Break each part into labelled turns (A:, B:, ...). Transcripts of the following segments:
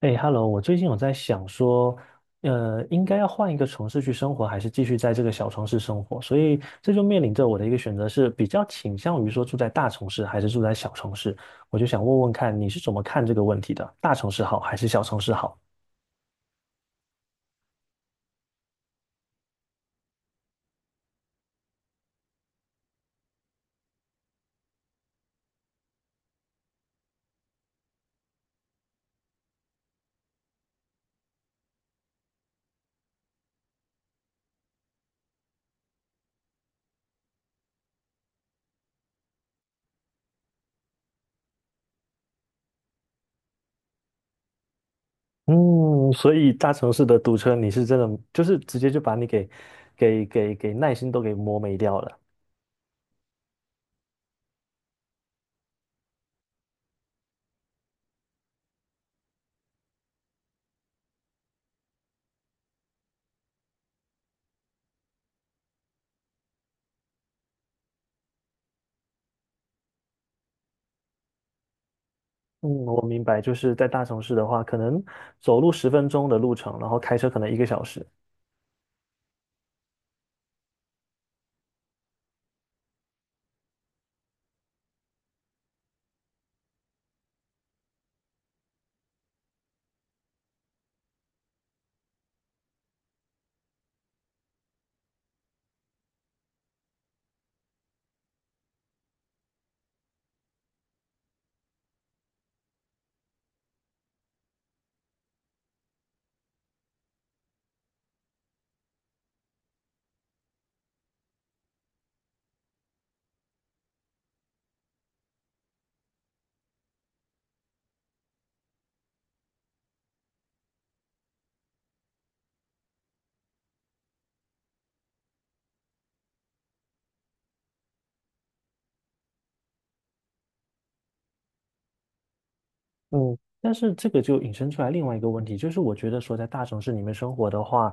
A: 哎，Hello，我最近有在想说，应该要换一个城市去生活，还是继续在这个小城市生活？所以这就面临着我的一个选择是，比较倾向于说住在大城市还是住在小城市。我就想问问看，你是怎么看这个问题的？大城市好还是小城市好？嗯，所以大城市的堵车，你是真的就是直接就把你给耐心都给磨没掉了。嗯，我明白，就是在大城市的话，可能走路10分钟的路程，然后开车可能1个小时。嗯，但是这个就引申出来另外一个问题，就是我觉得说在大城市里面生活的话，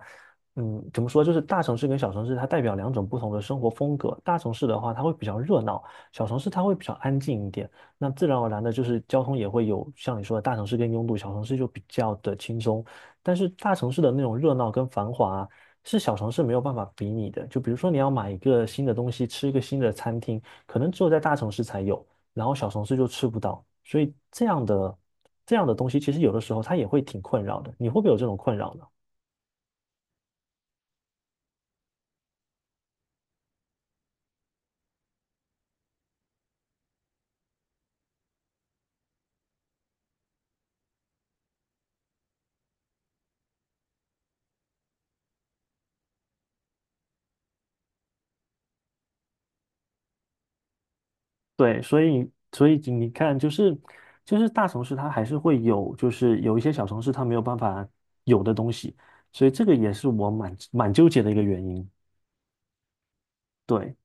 A: 嗯，怎么说，就是大城市跟小城市它代表两种不同的生活风格。大城市的话，它会比较热闹，小城市它会比较安静一点。那自然而然的，就是交通也会有像你说的大城市更拥堵，小城市就比较的轻松。但是大城市的那种热闹跟繁华啊是小城市没有办法比拟的。就比如说你要买一个新的东西，吃一个新的餐厅，可能只有在大城市才有。然后小城市就吃不到，所以这样的东西，其实有的时候它也会挺困扰的。你会不会有这种困扰呢？对，所以你看，就是就是大城市它还是会有，就是有一些小城市它没有办法有的东西，所以这个也是我蛮纠结的一个原因。对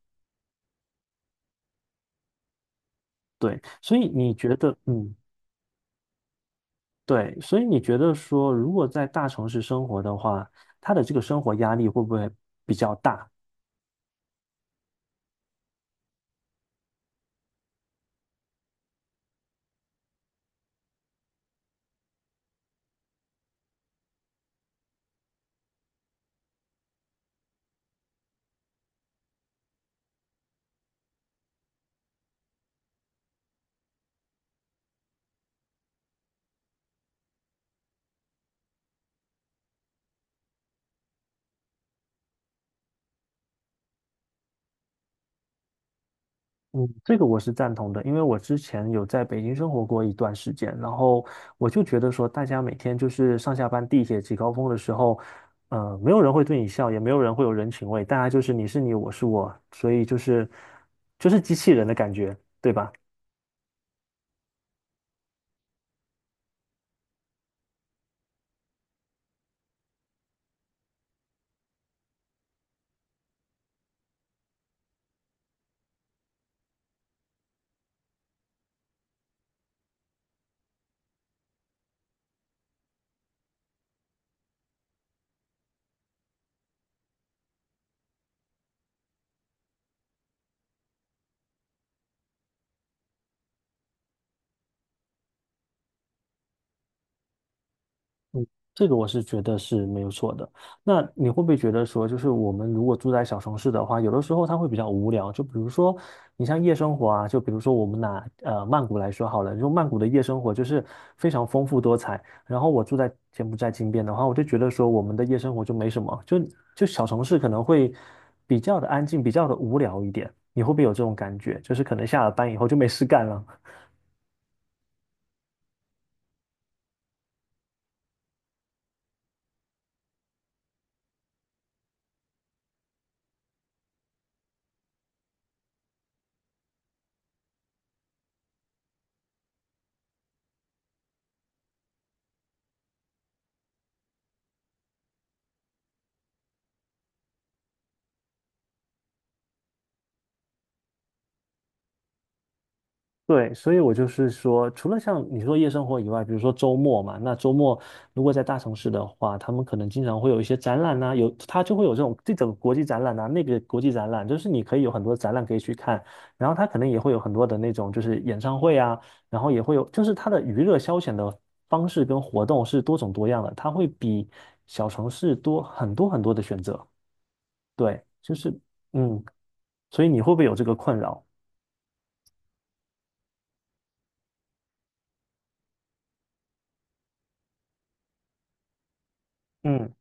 A: 对，所以你觉得，嗯，对，所以你觉得说，如果在大城市生活的话，他的这个生活压力会不会比较大？嗯，这个我是赞同的，因为我之前有在北京生活过一段时间，然后我就觉得说，大家每天就是上下班地铁挤高峰的时候，没有人会对你笑，也没有人会有人情味，大家就是你是你，我是我，所以就是机器人的感觉，对吧？这个我是觉得是没有错的。那你会不会觉得说，就是我们如果住在小城市的话，有的时候它会比较无聊。就比如说，你像夜生活啊，就比如说我们拿曼谷来说好了，就曼谷的夜生活就是非常丰富多彩。然后我住在柬埔寨金边的话，我就觉得说我们的夜生活就没什么，就小城市可能会比较的安静，比较的无聊一点。你会不会有这种感觉？就是可能下了班以后就没事干了。对，所以我就是说，除了像你说夜生活以外，比如说周末嘛，那周末如果在大城市的话，他们可能经常会有一些展览呐、有他就会有这种国际展览呐、那个国际展览，就是你可以有很多展览可以去看，然后他可能也会有很多的那种就是演唱会啊，然后也会有就是他的娱乐消遣的方式跟活动是多种多样的，它会比小城市多很多的选择。对，就是嗯，所以你会不会有这个困扰？嗯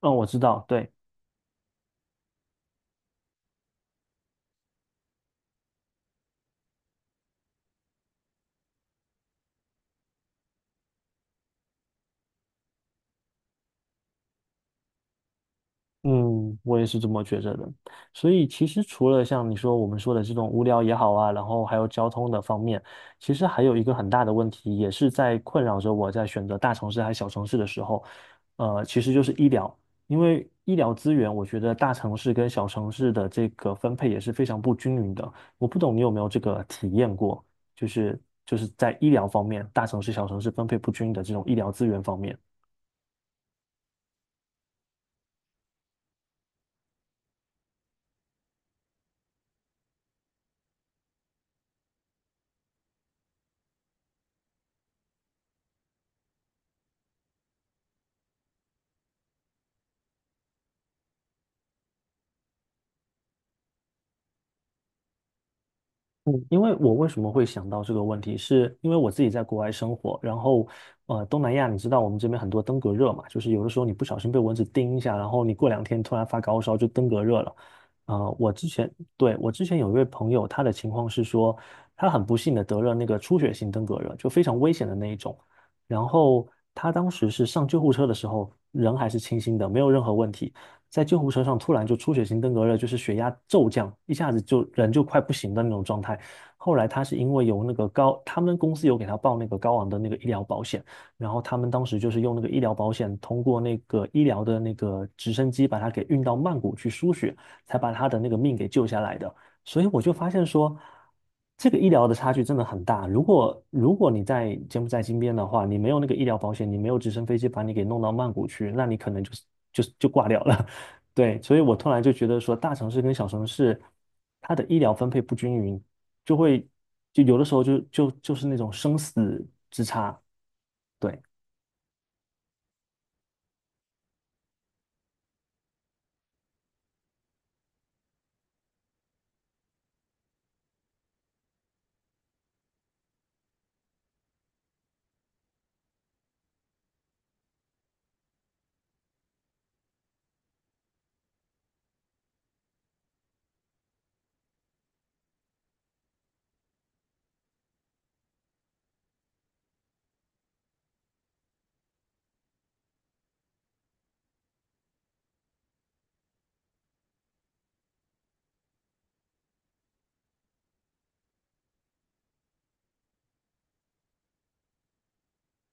A: 嗯，我知道，对。嗯，我也是这么觉着的。所以其实除了像你说我们说的这种无聊也好啊，然后还有交通的方面，其实还有一个很大的问题，也是在困扰着我在选择大城市还是小城市的时候，呃，其实就是医疗，因为医疗资源，我觉得大城市跟小城市的这个分配也是非常不均匀的。我不懂你有没有这个体验过，就是在医疗方面，大城市、小城市分配不均的这种医疗资源方面。嗯，因为我为什么会想到这个问题，是因为我自己在国外生活，然后东南亚你知道我们这边很多登革热嘛，就是有的时候你不小心被蚊子叮一下，然后你过两天突然发高烧就登革热了。呃，我之前对我之前有一位朋友，他的情况是说，他很不幸的得了那个出血性登革热，就非常危险的那一种。然后他当时是上救护车的时候，人还是清醒的，没有任何问题。在救护车上突然就出血性登革热，就是血压骤降，一下子就人就快不行的那种状态。后来他是因为有那个高，他们公司有给他报那个高昂的那个医疗保险，然后他们当时就是用那个医疗保险，通过那个医疗的那个直升机把他给运到曼谷去输血，才把他的那个命给救下来的。所以我就发现说，这个医疗的差距真的很大。如果你在柬埔寨金边的话，你没有那个医疗保险，你没有直升飞机把你给弄到曼谷去，那你可能就是就挂掉了。对，所以我突然就觉得说，大城市跟小城市它的医疗分配不均匀，就会就有的时候就是那种生死之差。对，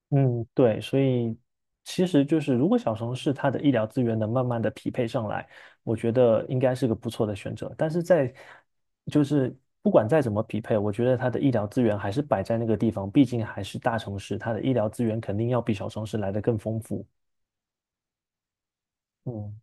A: 嗯，对，所以其实就是，如果小城市它的医疗资源能慢慢的匹配上来，我觉得应该是个不错的选择。但是在就是不管再怎么匹配，我觉得它的医疗资源还是摆在那个地方，毕竟还是大城市，它的医疗资源肯定要比小城市来的更丰富。嗯，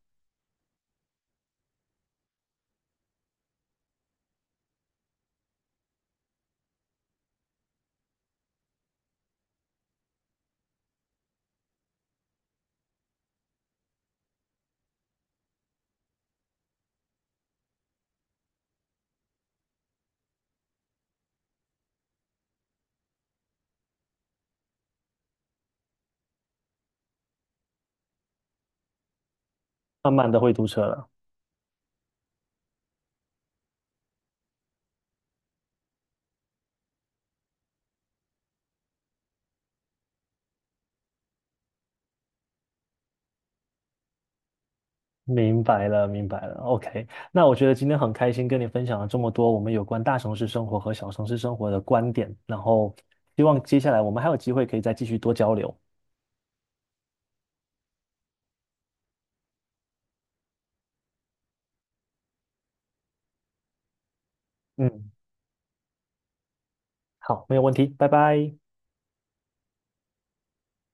A: 慢慢的会堵车了。明白了，明白了。OK，那我觉得今天很开心跟你分享了这么多我们有关大城市生活和小城市生活的观点，然后希望接下来我们还有机会可以再继续多交流。嗯，好，没有问题，拜拜。